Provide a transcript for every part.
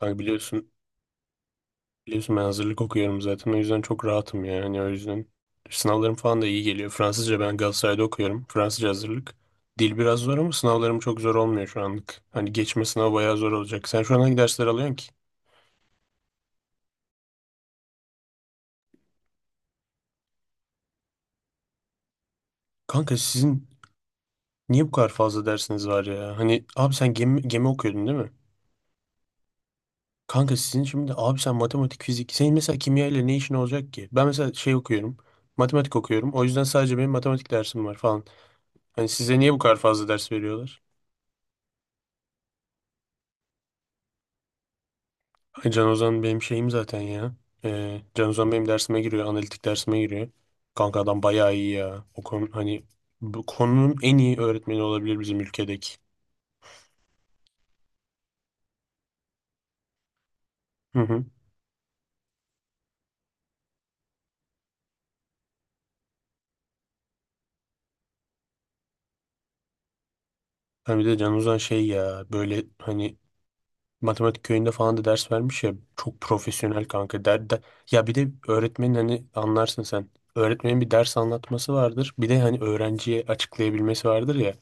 Kanka biliyorsun, ben hazırlık okuyorum zaten. O yüzden çok rahatım yani. Hani o yüzden sınavlarım falan da iyi geliyor. Fransızca ben Galatasaray'da okuyorum. Fransızca hazırlık. Dil biraz zor ama sınavlarım çok zor olmuyor şu anlık. Hani geçme sınavı bayağı zor olacak. Sen şu an hangi dersler alıyorsun ki? Kanka sizin niye bu kadar fazla dersiniz var ya? Hani abi sen gemi okuyordun değil mi? Kanka sizin şimdi abi sen matematik, fizik. Senin mesela kimya ile ne işin olacak ki? Ben mesela şey okuyorum. Matematik okuyorum. O yüzden sadece benim matematik dersim var falan. Hani size niye bu kadar fazla ders veriyorlar? Ay Can Ozan benim şeyim zaten ya. Can Ozan benim dersime giriyor. Analitik dersime giriyor. Kanka adam bayağı iyi ya. O konu hani bu konunun en iyi öğretmeni olabilir bizim ülkedeki. Hı hı. Hani bir de Can Ozan şey ya böyle hani matematik köyünde falan da ders vermiş ya çok profesyonel kanka der. Ya bir de öğretmenin hani anlarsın sen, öğretmenin bir ders anlatması vardır bir de hani öğrenciye açıklayabilmesi vardır ya.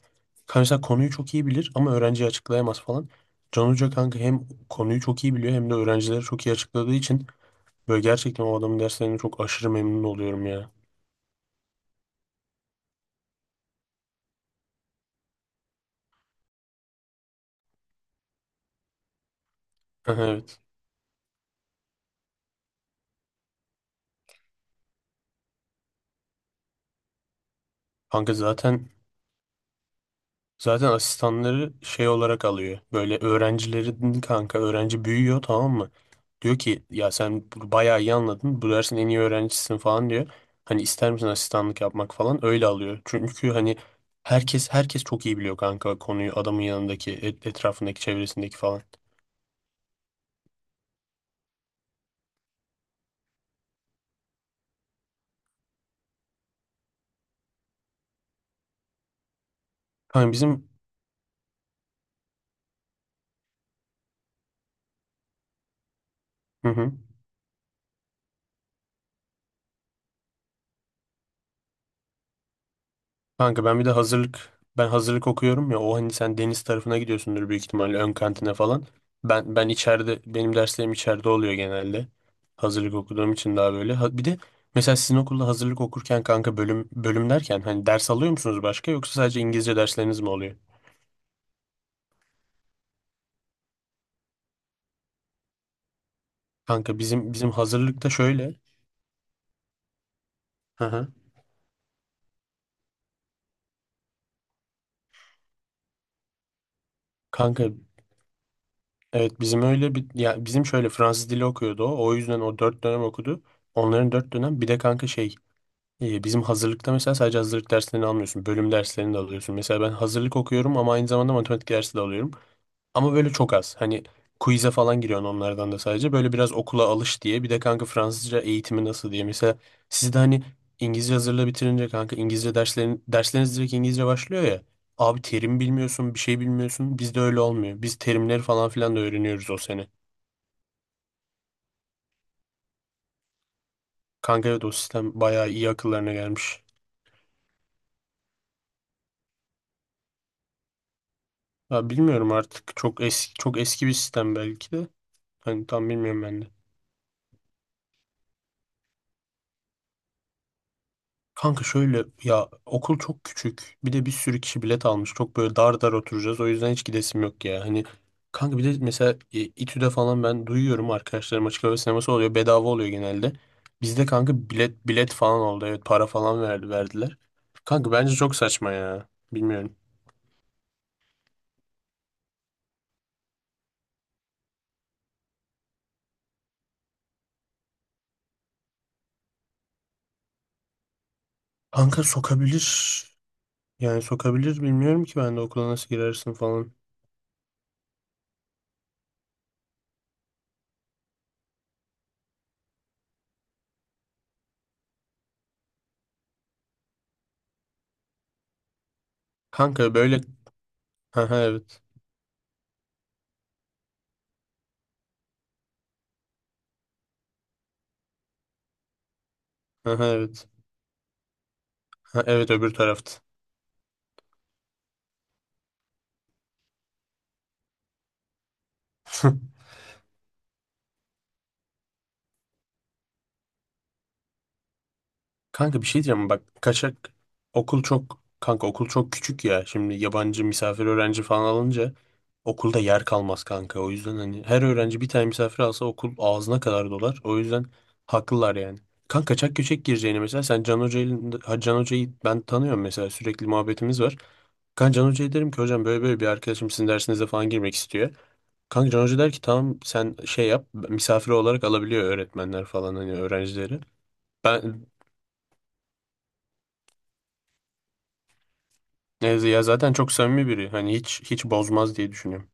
Kanka mesela konuyu çok iyi bilir ama öğrenciye açıklayamaz falan. Can Hoca kanka hem konuyu çok iyi biliyor hem de öğrencilere çok iyi açıkladığı için böyle gerçekten o adamın derslerinden çok aşırı memnun oluyorum ya. Evet. Kanka zaten, zaten asistanları şey olarak alıyor. Böyle öğrencilerin, kanka öğrenci büyüyor, tamam mı? Diyor ki ya sen bayağı iyi anladın. Bu dersin en iyi öğrencisisin falan diyor. Hani ister misin asistanlık yapmak falan, öyle alıyor. Çünkü hani herkes herkes çok iyi biliyor kanka konuyu, adamın yanındaki etrafındaki, çevresindeki falan. Hani bizim, hı hı. Kanka ben bir de hazırlık, ben hazırlık okuyorum ya, o hani sen deniz tarafına gidiyorsundur büyük ihtimalle, ön kantine falan. Ben içeride, benim derslerim içeride oluyor genelde. Hazırlık okuduğum için daha böyle. Bir de mesela sizin okulda hazırlık okurken kanka bölüm bölüm derken hani ders alıyor musunuz başka, yoksa sadece İngilizce dersleriniz mi oluyor? Kanka bizim hazırlıkta şöyle. Hı hı. Kanka evet bizim öyle bir, ya bizim şöyle, Fransız dili okuyordu o. O yüzden o 4 dönem okudu. Onların 4 dönem, bir de kanka şey, İyi, bizim hazırlıkta mesela sadece hazırlık derslerini almıyorsun. Bölüm derslerini de alıyorsun. Mesela ben hazırlık okuyorum ama aynı zamanda matematik dersi de alıyorum. Ama böyle çok az. Hani quiz'e falan giriyorsun onlardan da, sadece böyle biraz okula alış diye. Bir de kanka Fransızca eğitimi nasıl diye. Mesela sizde hani İngilizce hazırlığı bitirince kanka İngilizce derslerin, dersleriniz direkt İngilizce başlıyor ya. Abi terim bilmiyorsun, bir şey bilmiyorsun. Bizde öyle olmuyor. Biz terimleri falan filan da öğreniyoruz o sene. Kanka evet, o sistem bayağı iyi akıllarına gelmiş. Ya bilmiyorum artık, çok eski çok eski bir sistem belki de. Hani tam bilmiyorum ben de. Kanka şöyle ya, okul çok küçük. Bir de bir sürü kişi bilet almış. Çok böyle dar dar oturacağız. O yüzden hiç gidesim yok ya. Hani kanka bir de mesela İTÜ'de falan ben duyuyorum, arkadaşlarım açık hava sineması oluyor. Bedava oluyor genelde. Bizde kanka bilet bilet falan oldu. Evet, para falan verdi, verdiler. Kanka bence çok saçma ya. Bilmiyorum. Kanka sokabilir. Yani sokabilir, bilmiyorum ki ben de okula nasıl girersin falan. Kanka böyle... Aha, evet. Aha, evet. Ha, evet, öbür tarafta. Kanka bir şey diyeceğim bak, kaçak, okul çok, kanka okul çok küçük ya, şimdi yabancı misafir öğrenci falan alınca okulda yer kalmaz kanka. O yüzden hani her öğrenci bir tane misafir alsa okul ağzına kadar dolar. O yüzden haklılar yani. Kanka kaçak göçek gireceğini, mesela sen Can Hoca'yı, ha, Can Hoca'yı ben tanıyorum mesela, sürekli muhabbetimiz var. Kanka Can Hoca'ya derim ki hocam böyle böyle bir arkadaşım sizin dersinize falan girmek istiyor. Kanka Can Hoca der ki tamam, sen şey yap, misafir olarak alabiliyor öğretmenler falan hani öğrencileri. Ben, neyse ya, zaten çok samimi biri. Hani hiç hiç bozmaz diye düşünüyorum.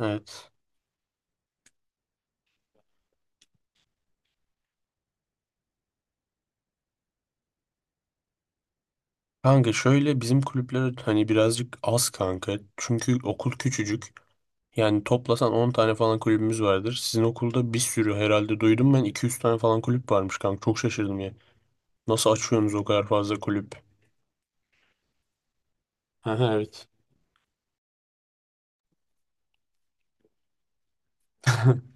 Evet. Kanka şöyle, bizim kulüpler hani birazcık az kanka. Çünkü okul küçücük. Yani toplasan 10 tane falan kulübümüz vardır. Sizin okulda bir sürü, herhalde duydum ben 200 tane falan kulüp varmış kanka. Çok şaşırdım ya. Nasıl açıyorsunuz o kadar fazla kulüp? Aha, evet.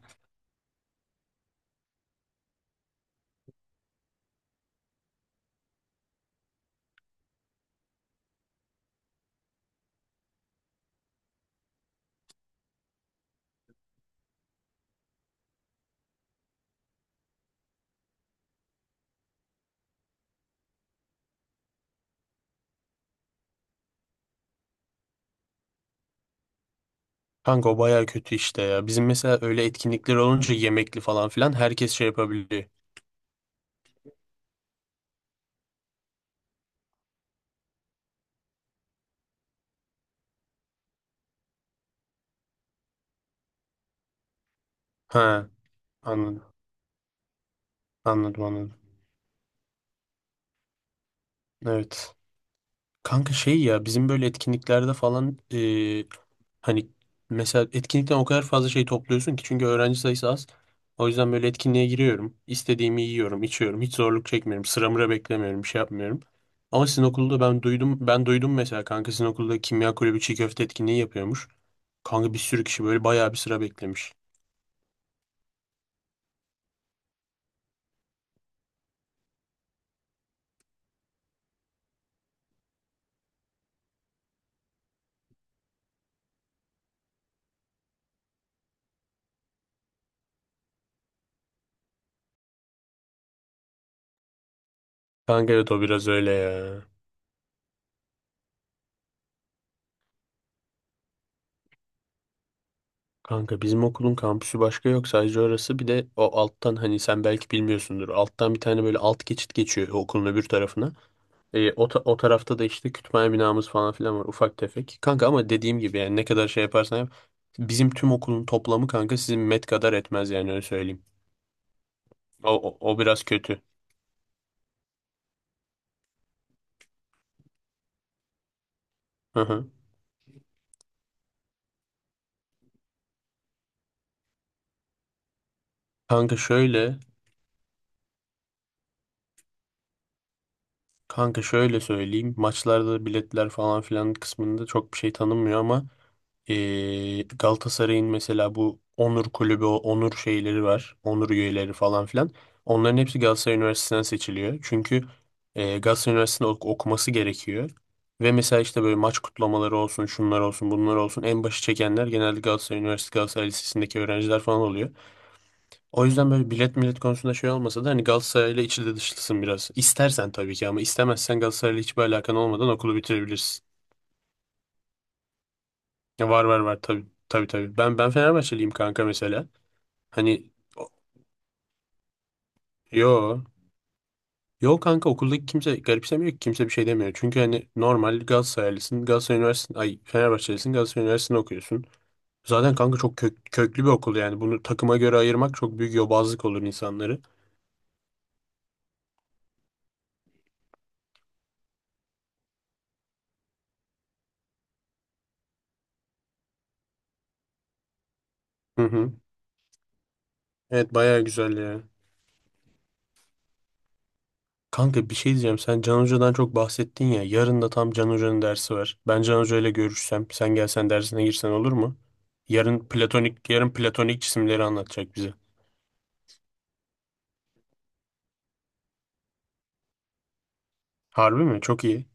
Kanka o baya kötü işte ya. Bizim mesela öyle etkinlikler olunca yemekli falan filan herkes şey yapabiliyor. Ha, anladım anladım anladım. Evet. Kanka şey ya, bizim böyle etkinliklerde falan hani, mesela etkinlikten o kadar fazla şey topluyorsun ki, çünkü öğrenci sayısı az. O yüzden böyle etkinliğe giriyorum. İstediğimi yiyorum, içiyorum. Hiç zorluk çekmiyorum. Sıra mıra beklemiyorum, bir şey yapmıyorum. Ama sizin okulda ben duydum mesela, kanka sizin okulda kimya kulübü çiğ köfte etkinliği yapıyormuş. Kanka bir sürü kişi böyle bayağı bir sıra beklemiş. Kanka evet, o biraz öyle ya. Kanka bizim okulun kampüsü başka yok, sadece orası. Bir de o alttan, hani sen belki bilmiyorsundur, alttan bir tane böyle alt geçit geçiyor okulun öbür tarafına. O tarafta da işte kütüphane binamız falan filan var, ufak tefek kanka, ama dediğim gibi yani ne kadar şey yaparsan yap, bizim tüm okulun toplamı kanka sizin met kadar etmez yani, öyle söyleyeyim. O biraz kötü. Hı hı. Kanka şöyle, söyleyeyim, maçlarda biletler falan filan kısmında çok bir şey tanınmıyor ama Galatasaray'ın mesela bu Onur Kulübü, o Onur şeyleri var. Onur üyeleri falan filan. Onların hepsi Galatasaray Üniversitesi'nden seçiliyor. Çünkü Galatasaray Üniversitesi'nde okuması gerekiyor. Ve mesela işte böyle maç kutlamaları olsun, şunlar olsun, bunlar olsun. En başı çekenler genelde Galatasaray Üniversitesi, Galatasaray Lisesi'ndeki öğrenciler falan oluyor. O yüzden böyle bilet millet konusunda şey olmasa da hani Galatasaray'la içli dışlısın biraz. İstersen tabii ki, ama istemezsen Galatasaray'la hiçbir alakan olmadan okulu bitirebilirsin. Ya, var var var, tabii tabii tabii. Ben Fenerbahçeliyim kanka mesela. Hani o- yo yo kanka, okuldaki kimse garipsemiyor ki, kimse bir şey demiyor. Çünkü hani normal Galatasaraylısın, Galatasaray Üniversitesi, ay Fenerbahçelisin, Galatasaray Üniversitesi'nde okuyorsun. Zaten kanka çok köklü bir okul, yani bunu takıma göre ayırmak çok büyük yobazlık olur insanları. Hı hı. Evet, bayağı güzel ya. Kanka bir şey diyeceğim. Sen Can Hoca'dan çok bahsettin ya. Yarın da tam Can Hoca'nın dersi var. Ben Can Hoca ile görüşsem, sen gelsen dersine girsen olur mu? Yarın platonik cisimleri anlatacak bize. Harbi mi? Çok iyi.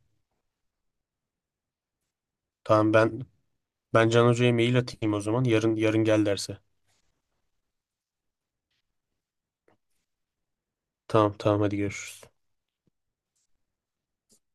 Tamam ben Can Hoca'ya mail atayım o zaman. Yarın gel derse. Tamam tamam, hadi görüşürüz.